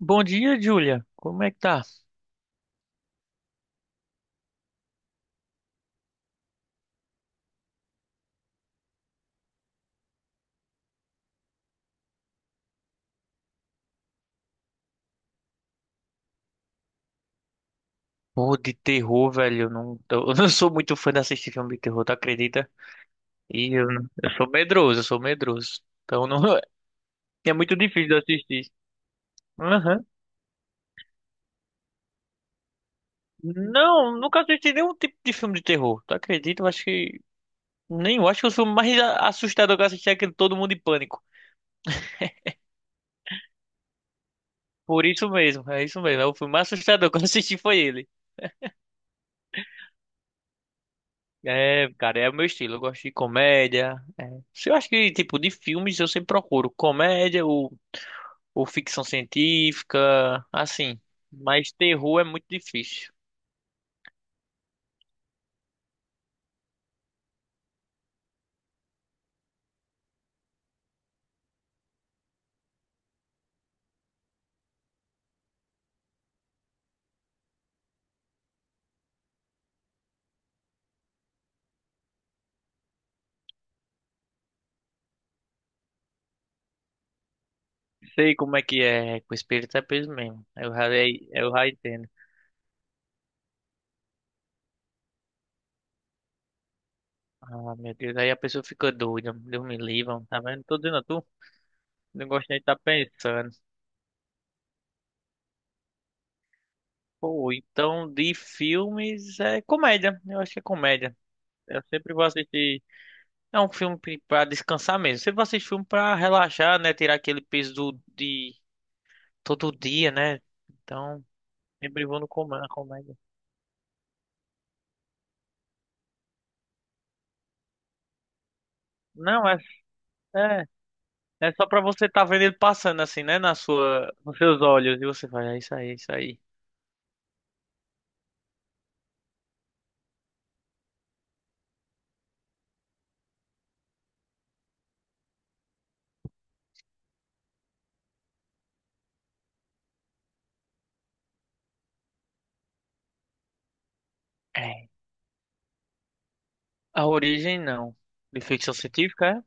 Bom dia, Júlia. Como é que tá? Pô, de terror, velho. Eu não, tô- eu não sou muito fã de assistir filme de terror, tu acredita? E eu, não- eu sou medroso, eu sou medroso. Então não, é muito difícil de assistir. Aham. Não, nunca assisti nenhum tipo de filme de terror. Tu acredita? Eu acho que. Nem, eu acho que o filme mais assustador que eu assisti é aquele Todo Mundo em Pânico. Por isso mesmo. É o filme mais assustador que eu assisti foi ele. É, cara, é o meu estilo. Eu gosto de comédia. É. Se Eu acho que, tipo, de filmes eu sempre procuro comédia, ou ficção científica, assim. Mas terror é muito difícil. Sei como é que é, com espírito é peso mesmo. Eu já entendo. Ah, meu Deus, aí a pessoa fica doida. Deus me livre, tá vendo? Tô dizendo a tu. Não gosto nem de estar pensando. Pô, então de filmes é comédia. Eu acho que é comédia. Eu sempre vou assistir. É um filme pra descansar mesmo. Sempre vou assistir filme pra relaxar, né? Tirar aquele peso de todo dia, né? Então, sempre vou no com na comédia. Não, é É, é só pra você tá vendo ele passando assim, né? Nos seus olhos. E você vai, é isso aí, é isso aí. É. A origem, não. De ficção científica, é?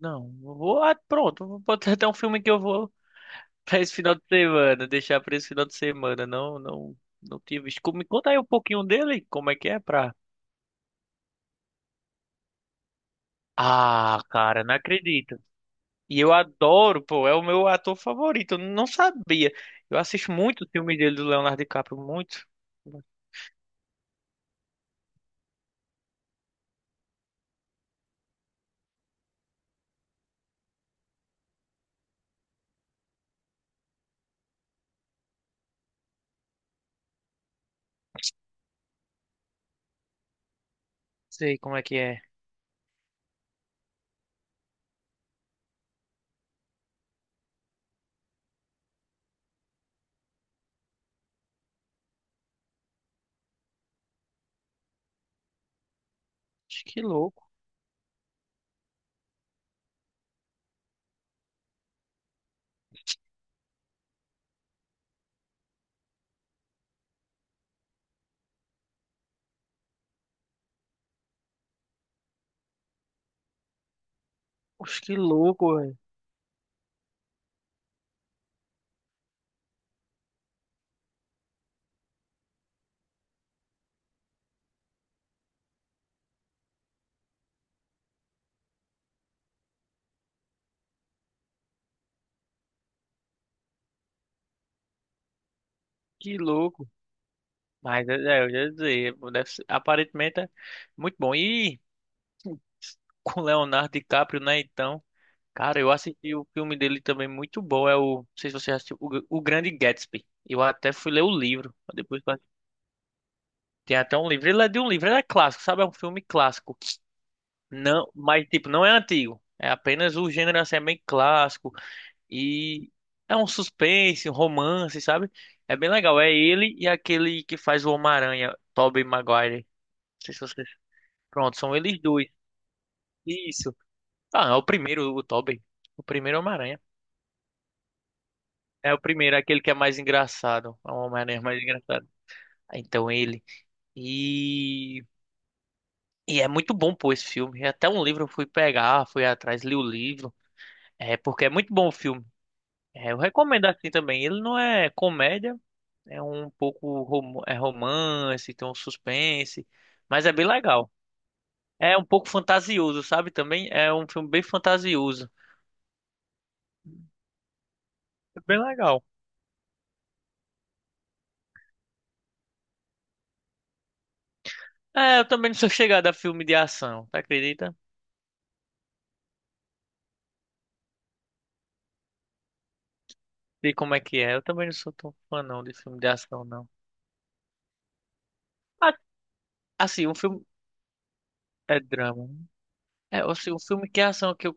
Não. Eu Vou, ah, pronto. Vou botar até um filme que eu vou pra esse final de semana. Deixar pra esse final de semana. Não, não, não tive visto. Me conta aí um pouquinho dele. Como é que é pra... Ah, cara, não acredito. E eu adoro, pô. É o meu ator favorito. Eu não sabia. Eu assisto muito o filme dele do Leonardo DiCaprio. Muito. Não sei como é que é. Acho que louco. Oxe, que louco, velho. Que louco. Mas eu já ia dizer, deve ser- aparentemente é muito bom. E com Leonardo DiCaprio, né? Então, cara, eu assisti o filme dele também muito bom. É o, não sei se você já assistiu, o, o Grande Gatsby. Eu até fui ler o livro. Depois que eu tem até um livro. Ele é de um livro, ele é clássico, sabe? É um filme clássico. Não, mas tipo, não é antigo. É apenas o gênero assim, é bem clássico. E é um suspense, um romance, sabe? É bem legal. É ele e aquele que faz o Homem-Aranha, Tobey Maguire. Não sei se vocês. Pronto, são eles dois. Isso. Ah, é o primeiro, o Tobey. O primeiro Homem-Aranha. É o primeiro, aquele que é mais engraçado. É o Homem-Aranha mais engraçado. Ah, então ele. E. E é muito bom, pô, esse filme. É Até um livro eu fui pegar, fui atrás, li o livro. É, porque é muito bom o filme. É, eu recomendo assim também. Ele não é comédia. É um pouco é romance, tem um suspense, mas é bem legal. É um pouco fantasioso, sabe? Também é um filme bem fantasioso. É bem legal. É, eu também não sou chegado a filme de ação, tá acredita? Sei como é que é. Eu também não sou tão fã não de filme de ação, não. Ah, assim, um filme é drama. É, assim, um filme que é ação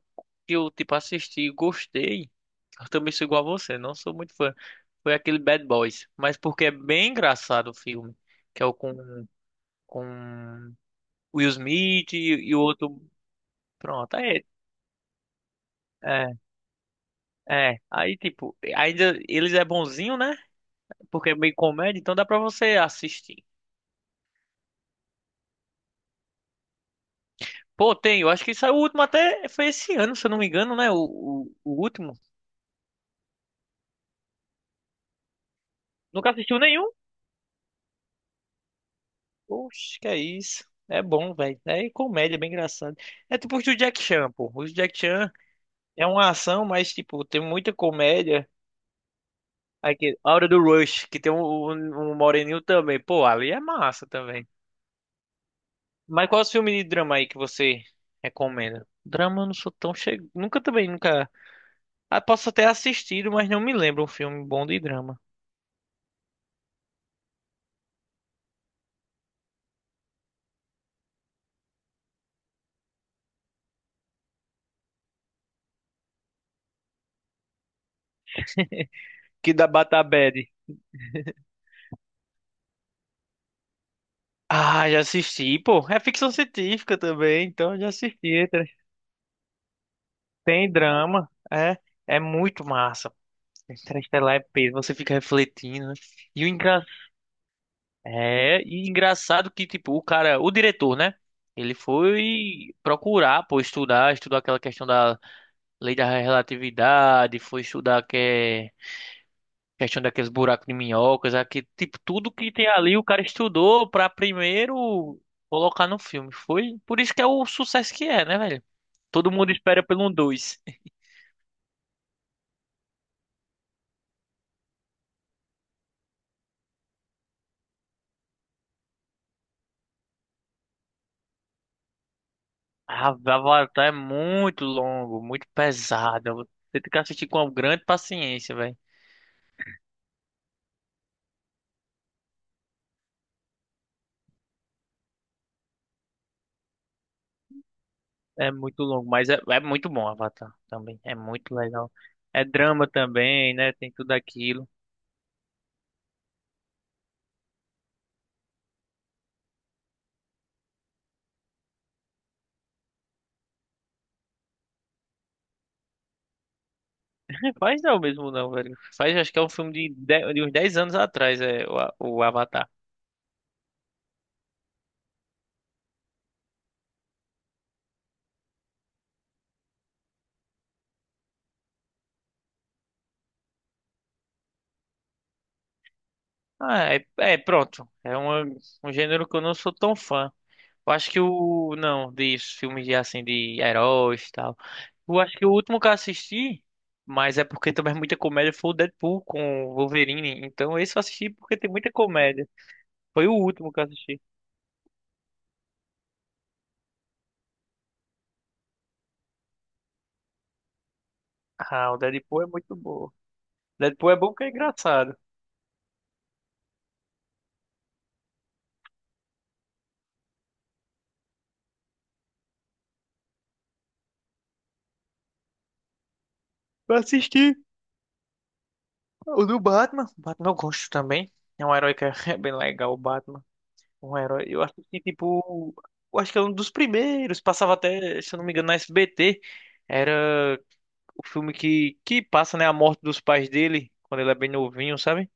que eu tipo, assisti e gostei. Eu também sou igual a você, não sou muito fã. Foi aquele Bad Boys, mas porque é bem engraçado o filme, que é o com Will Smith e o outro. Pronto, aí. É, é. Aí, tipo, ainda eles é bonzinho, né? Porque é meio comédia, então dá pra você assistir. Pô, tem, eu acho que saiu o último até foi esse ano, se eu não me engano, né? O último. Nunca assistiu nenhum? Oxe, que é isso. É bom, velho. É comédia, bem engraçado. É tipo os do Jack Chan, pô. Os do Jack Chan é uma ação, mas, tipo, tem muita comédia. Aqui, a Hora do Rush, que tem um moreninho também. Pô, ali é massa também. Mas qual é o filme de drama aí que você recomenda? Drama eu não sou tão chegado. Nunca também, nunca. Ah, posso até assistido, mas não me lembro um filme bom de drama. Que da Batabad. Ah, já assisti, pô. É ficção científica também, então eu já assisti. Tra- Tem drama, é, é muito massa. Interestelar é peso, você fica refletindo, né? E o engra... é, e engraçado que tipo, o cara, o diretor, né? Ele foi procurar, pô, estudar, estudou aquela questão da lei da relatividade, foi estudar que é questão daqueles buracos de minhocas, aqui, tipo, tudo que tem ali o cara estudou para primeiro colocar no filme. Foi por isso que é o sucesso que é, né, velho? Todo mundo espera pelo um dois. Ah, Avatar é muito longo, muito pesado. Você tem que assistir com uma grande paciência, velho. É muito longo, mas é muito bom Avatar também. É muito legal. É drama também, né? Tem tudo aquilo. Faz não mesmo não, velho. Faz, acho que é um filme de uns 10 anos atrás, é o, o Avatar. Ah, é, é, pronto. É uma, um gênero que eu não sou tão fã. Eu acho que o... Não, de filmes de, assim, de heróis e tal. Eu acho que o último que eu assisti, mas é porque também é muita comédia, foi o Deadpool com o Wolverine. Então esse eu assisti porque tem muita comédia. Foi o último que eu assisti. Ah, o Deadpool é muito bom. Deadpool é bom porque é engraçado. Eu assisti. O do Batman. O Batman eu gosto também. É um herói que é bem legal, o Batman. Um herói. Eu acho que, tipo. Eu acho que é um dos primeiros. Passava até, se eu não me engano, na SBT. Era o filme que passa, né? A morte dos pais dele, quando ele é bem novinho, sabe?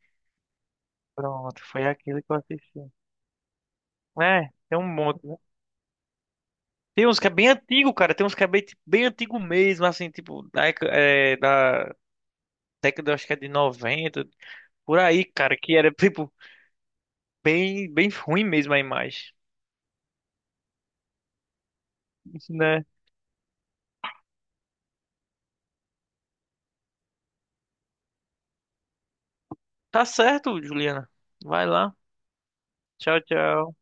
Pronto, foi aquele que eu assisti. É, tem um monte, né? Tem uns que é bem antigo, cara. Tem uns que é bem, tipo, bem antigo mesmo, assim, tipo, da década, acho que é de 90, por aí, cara, que era, tipo, bem ruim mesmo a imagem, né? Tá certo, Juliana. Vai lá. Tchau, tchau.